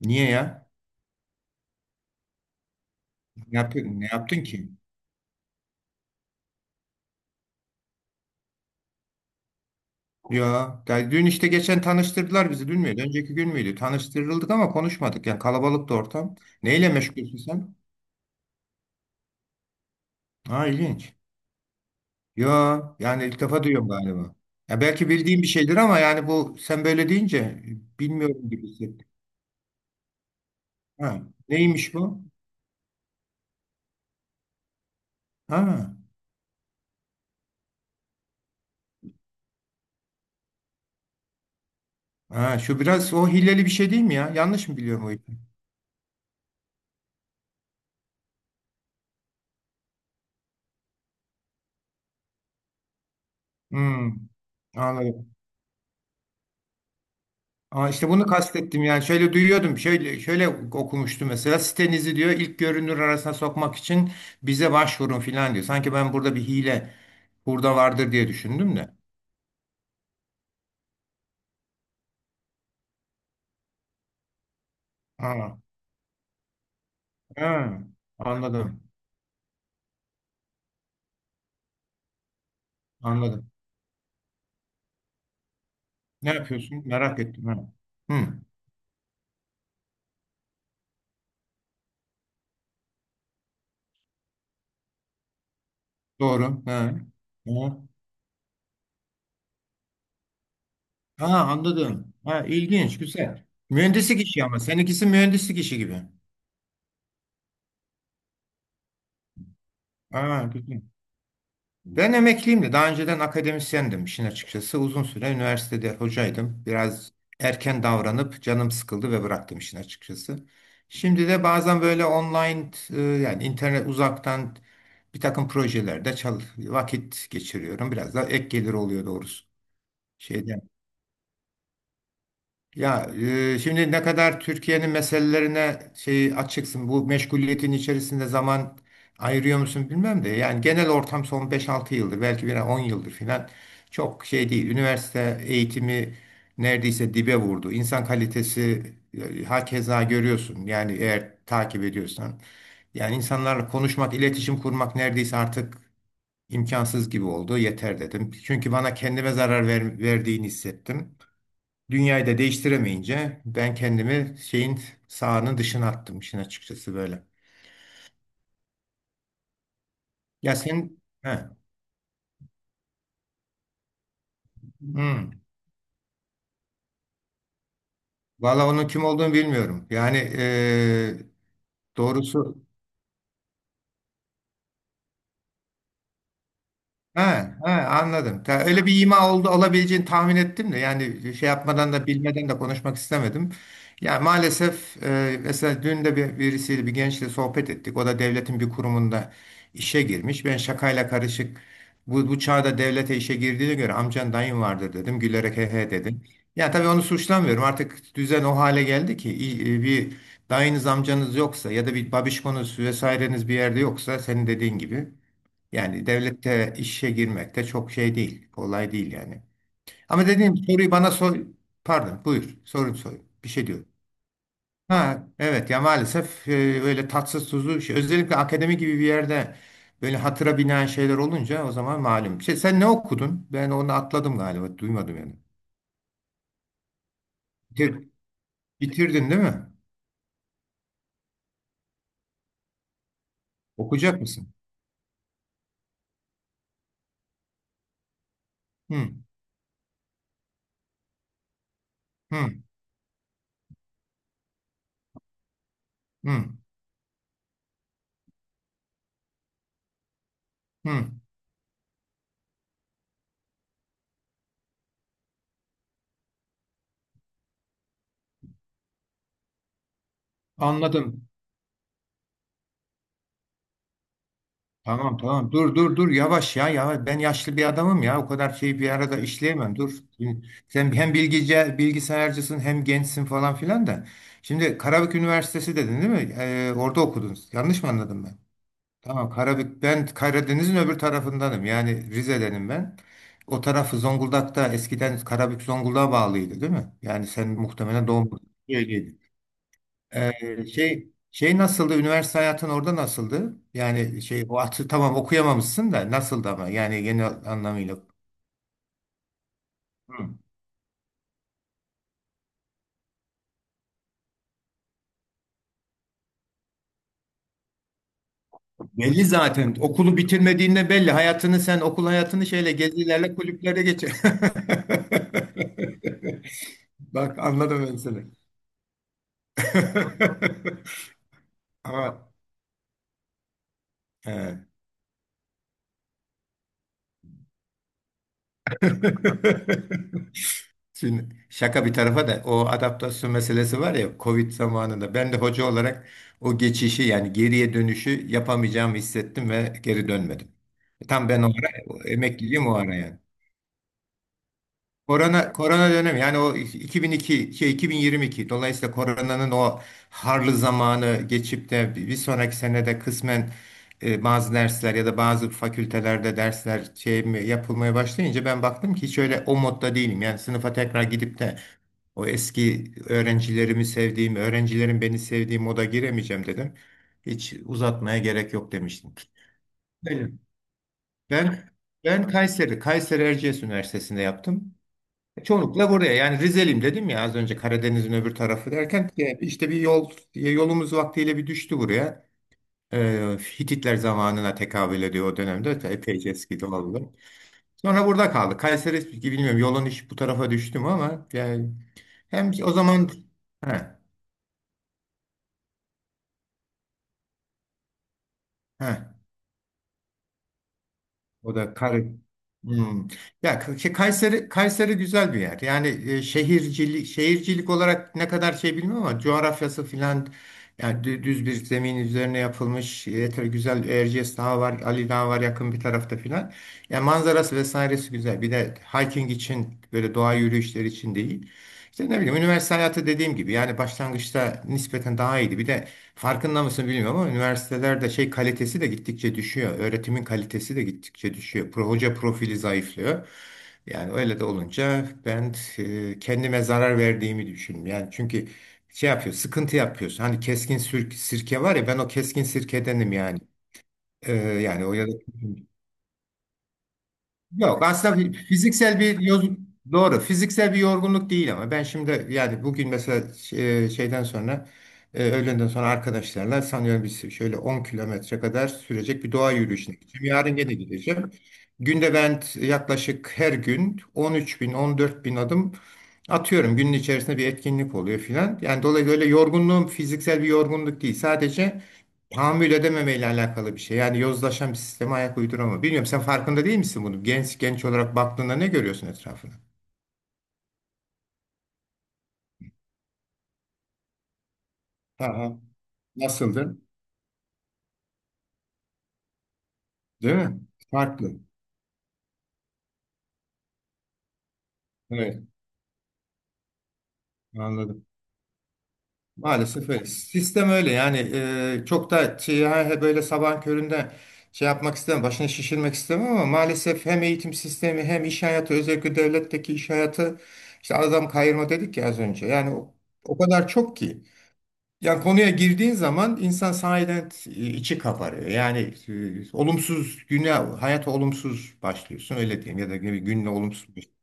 Niye ya? Ne yaptın, ne yaptın ki? Ya da dün işte geçen tanıştırdılar bizi. Dün müydü? Önceki gün müydü? Tanıştırıldık ama konuşmadık. Yani kalabalıktı ortam. Neyle meşgulsün sen? Ha, ilginç. Ya yani ilk defa duyuyorum galiba. Ya belki bildiğim bir şeydir ama yani bu sen böyle deyince bilmiyorum gibi hissettim. Ha, neymiş bu? Ha, ha, şu biraz o hileli bir şey değil mi ya? Yanlış mı biliyorum o ipi? Hmm, anladım. Aa, işte bunu kastettim yani şöyle duyuyordum şöyle şöyle okumuştum mesela sitenizi diyor ilk görünür arasına sokmak için bize başvurun filan diyor. Sanki ben burada bir hile burada vardır diye düşündüm de. Ha, ha, anladım anladım. Ne yapıyorsun? Merak ettim. Ha. Hı, doğru. Ha. Ha. Ha, anladım. Ha, ilginç güzel. Mühendislik işi ama seninkisi mühendislik işi gibi. Ha, güzel. Ben emekliyim de daha önceden akademisyendim işin açıkçası. Uzun süre üniversitede hocaydım. Biraz erken davranıp canım sıkıldı ve bıraktım işin açıkçası. Şimdi de bazen böyle online, yani internet uzaktan bir takım projelerde vakit geçiriyorum. Biraz da ek gelir oluyor doğrusu. Şeyden ya, şimdi ne kadar Türkiye'nin meselelerine şey açıksın, bu meşguliyetin içerisinde zaman ayırıyor musun bilmem de yani genel ortam son 5-6 yıldır, belki bir 10 yıldır filan çok şey değil. Üniversite eğitimi neredeyse dibe vurdu. İnsan kalitesi, hakeza görüyorsun yani eğer takip ediyorsan. Yani insanlarla konuşmak, iletişim kurmak neredeyse artık imkansız gibi oldu. Yeter dedim. Çünkü bana kendime zarar verdiğini hissettim. Dünyayı da değiştiremeyince ben kendimi şeyin sahanın dışına attım işin açıkçası böyle. Ya sen, he, hmm. Valla onun kim olduğunu bilmiyorum. Yani doğrusu. Ha, ha, anladım. Öyle bir ima oldu olabileceğini tahmin ettim de yani şey yapmadan da bilmeden de konuşmak istemedim. Yani maalesef, mesela dün de birisiyle bir gençle sohbet ettik. O da devletin bir kurumunda işe girmiş. Ben şakayla karışık bu çağda devlete işe girdiğine göre amcan dayın vardır dedim. Gülerek he he dedim. Ya tabii onu suçlamıyorum. Artık düzen o hale geldi ki bir dayınız amcanız yoksa ya da bir babişkonuz vesaireniz bir yerde yoksa senin dediğin gibi. Yani devlette işe girmekte çok şey değil. Kolay değil yani. Ama dediğim soruyu bana sor. Pardon, buyur. Sorun sorun. Bir şey diyorum. Ha, evet ya maalesef, öyle tatsız tuzlu şey. Özellikle akademi gibi bir yerde böyle hatıra binen şeyler olunca o zaman malum. Şey, sen ne okudun? Ben onu atladım galiba. Duymadım yani. Bitir- bitirdin değil mi? Okuyacak mısın? Hı, hı, hı, hı. Anladım. Tamam tamam, dur dur dur, yavaş ya yavaş, ben yaşlı bir adamım ya, o kadar şeyi bir arada işleyemem, dur. Şimdi sen hem bilgisayarcısın hem gençsin falan filan da. Şimdi Karabük Üniversitesi dedin değil mi? Orada okudunuz. Yanlış mı anladım ben? Tamam, Karabük, ben Karadeniz'in öbür tarafındanım, yani Rize'denim ben. O tarafı Zonguldak'ta, eskiden Karabük Zonguldak'a bağlıydı değil mi? Yani sen muhtemelen doğum, şey nasıldı? Üniversite hayatın orada nasıldı? Yani şey o atı tamam okuyamamışsın da nasıldı ama yani genel anlamıyla. Hı. Belli zaten. Okulu bitirmediğinde belli. Hayatını sen okul hayatını şeyle gezilerle kulüplere geçir. Bak anladım ben seni. Ama evet. Şimdi şaka bir tarafa da, o adaptasyon meselesi var ya, Covid zamanında ben de hoca olarak o geçişi, yani geriye dönüşü yapamayacağımı hissettim ve geri dönmedim. Tam ben o ara, o emekliyim o ara yani. Korona dönemi yani, o 2002 şey 2022, dolayısıyla koronanın o harlı zamanı geçip de bir sonraki senede kısmen bazı dersler ya da bazı fakültelerde dersler şey mi, yapılmaya başlayınca ben baktım ki hiç öyle o modda değilim. Yani sınıfa tekrar gidip de o eski öğrencilerimi sevdiğim, öğrencilerin beni sevdiği moda giremeyeceğim dedim. Hiç uzatmaya gerek yok demiştim. Öyle. Ben ben Kayseri Erciyes Üniversitesi'nde yaptım. Çoğunlukla buraya, yani Rizeliyim dedim ya az önce, Karadeniz'in öbür tarafı derken işte bir yolumuz vaktiyle bir düştü buraya. E, Hititler zamanına tekabül ediyor o dönemde. Epeyce eski doğalım. Sonra burada kaldık. Kayseri bilmiyorum yolun iş bu tarafa düştüm ama yani hem o zaman he, he. O da Kare. Hmm. Ya Kayseri güzel bir yer. Yani şehircilik olarak ne kadar şey bilmiyorum ama coğrafyası filan, yani düz bir zemin üzerine yapılmış yeter güzel, Erciyes Dağı var, Ali Dağı var yakın bir tarafta filan. Yani manzarası vesairesi güzel. Bir de hiking için, böyle doğa yürüyüşleri için değil. İşte ne bileyim, üniversite hayatı dediğim gibi, yani başlangıçta nispeten daha iyiydi. Bir de farkında mısın bilmiyorum ama üniversitelerde şey kalitesi de gittikçe düşüyor. Öğretimin kalitesi de gittikçe düşüyor. Hoca profili zayıflıyor. Yani öyle de olunca ben kendime zarar verdiğimi düşünüyorum. Yani çünkü şey yapıyor, sıkıntı yapıyorsun. Hani keskin sirke var ya, ben o keskin sirkedenim yani. Yani o ya da. Yok aslında fiziksel bir yoz doğru, fiziksel bir yorgunluk değil ama ben şimdi yani, bugün mesela şeyden sonra, öğlenden sonra arkadaşlarla sanıyorum biz şöyle 10 kilometre kadar sürecek bir doğa yürüyüşüne gideceğim. Yarın gene gideceğim. Günde ben yaklaşık her gün 13 bin 14 bin adım atıyorum. Günün içerisinde bir etkinlik oluyor filan. Yani dolayısıyla öyle, yorgunluğum fiziksel bir yorgunluk değil. Sadece tahammül edememeyle alakalı bir şey. Yani yozlaşan bir sisteme ayak uyduramama. Bilmiyorum, sen farkında değil misin bunu? Genç olarak baktığında ne görüyorsun etrafına? Ha, ha. Nasıldı? Değil mi? Farklı. Evet, anladım. Maalesef öyle. Sistem öyle yani, çok da şey, böyle sabahın köründe şey yapmak istemem, başını şişirmek istemem ama maalesef hem eğitim sistemi hem iş hayatı, özellikle devletteki iş hayatı, işte adam kayırma dedik ya az önce. Yani o kadar çok ki. Ya konuya girdiğin zaman insan sahiden içi kabarıyor. Yani olumsuz güne, hayata olumsuz başlıyorsun öyle diyeyim ya da bir günle olumsuz.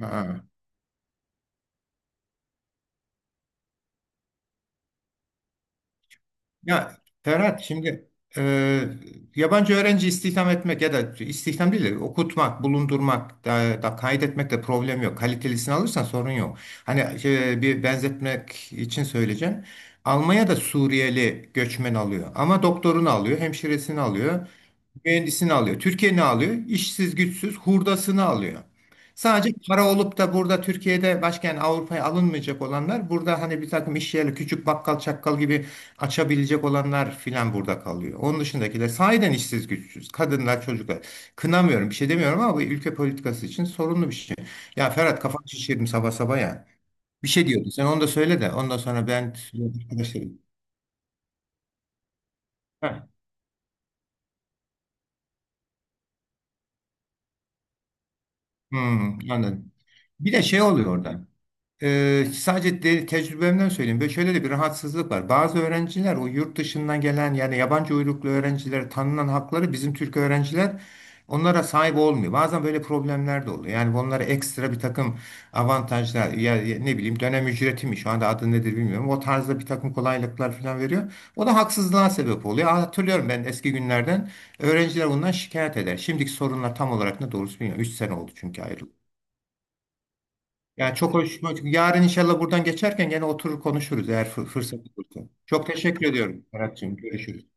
Ha. Ya Ferhat, şimdi e, yabancı öğrenci istihdam etmek ya da istihdam değil de okutmak, bulundurmak da kaydetmekte problem yok. Kalitelisini alırsan sorun yok. Hani bir benzetmek için söyleyeceğim. Almanya da Suriyeli göçmen alıyor ama doktorunu alıyor, hemşiresini alıyor. Mühendisini alıyor. Türkiye ne alıyor? İşsiz, güçsüz, hurdasını alıyor. Sadece para olup da burada Türkiye'de, başka yani Avrupa'ya alınmayacak olanlar, burada hani bir takım iş yerleri, küçük bakkal çakkal gibi açabilecek olanlar filan burada kalıyor. Onun dışındakiler sahiden işsiz güçsüz. Kadınlar, çocuklar. Kınamıyorum, bir şey demiyorum ama bu ülke politikası için sorunlu bir şey. Ya Ferhat, kafanı şişirdim sabah sabah ya. Bir şey diyordun sen, onu da söyle de ondan sonra ben arkadaşlarım. Heh. Hmm, anladım. Bir de şey oluyor orada. Sadece tecrübemden söyleyeyim. Ve şöyle de bir rahatsızlık var. Bazı öğrenciler, o yurt dışından gelen yani yabancı uyruklu öğrencilere tanınan hakları bizim Türk öğrenciler onlara sahip olmuyor. Bazen böyle problemler de oluyor. Yani onlara ekstra bir takım avantajlar, ya ne bileyim dönem ücreti mi şu anda adı nedir bilmiyorum. O tarzda bir takım kolaylıklar falan veriyor. O da haksızlığa sebep oluyor. Hatırlıyorum ben eski günlerden, öğrenciler bundan şikayet eder. Şimdiki sorunlar tam olarak ne doğrusu bilmiyorum. 3 sene oldu çünkü ayrı. Yani çok hoş. Yarın inşallah buradan geçerken gene oturur konuşuruz eğer fırsat olursa. Çok teşekkür ediyorum Berat'cığım. Görüşürüz.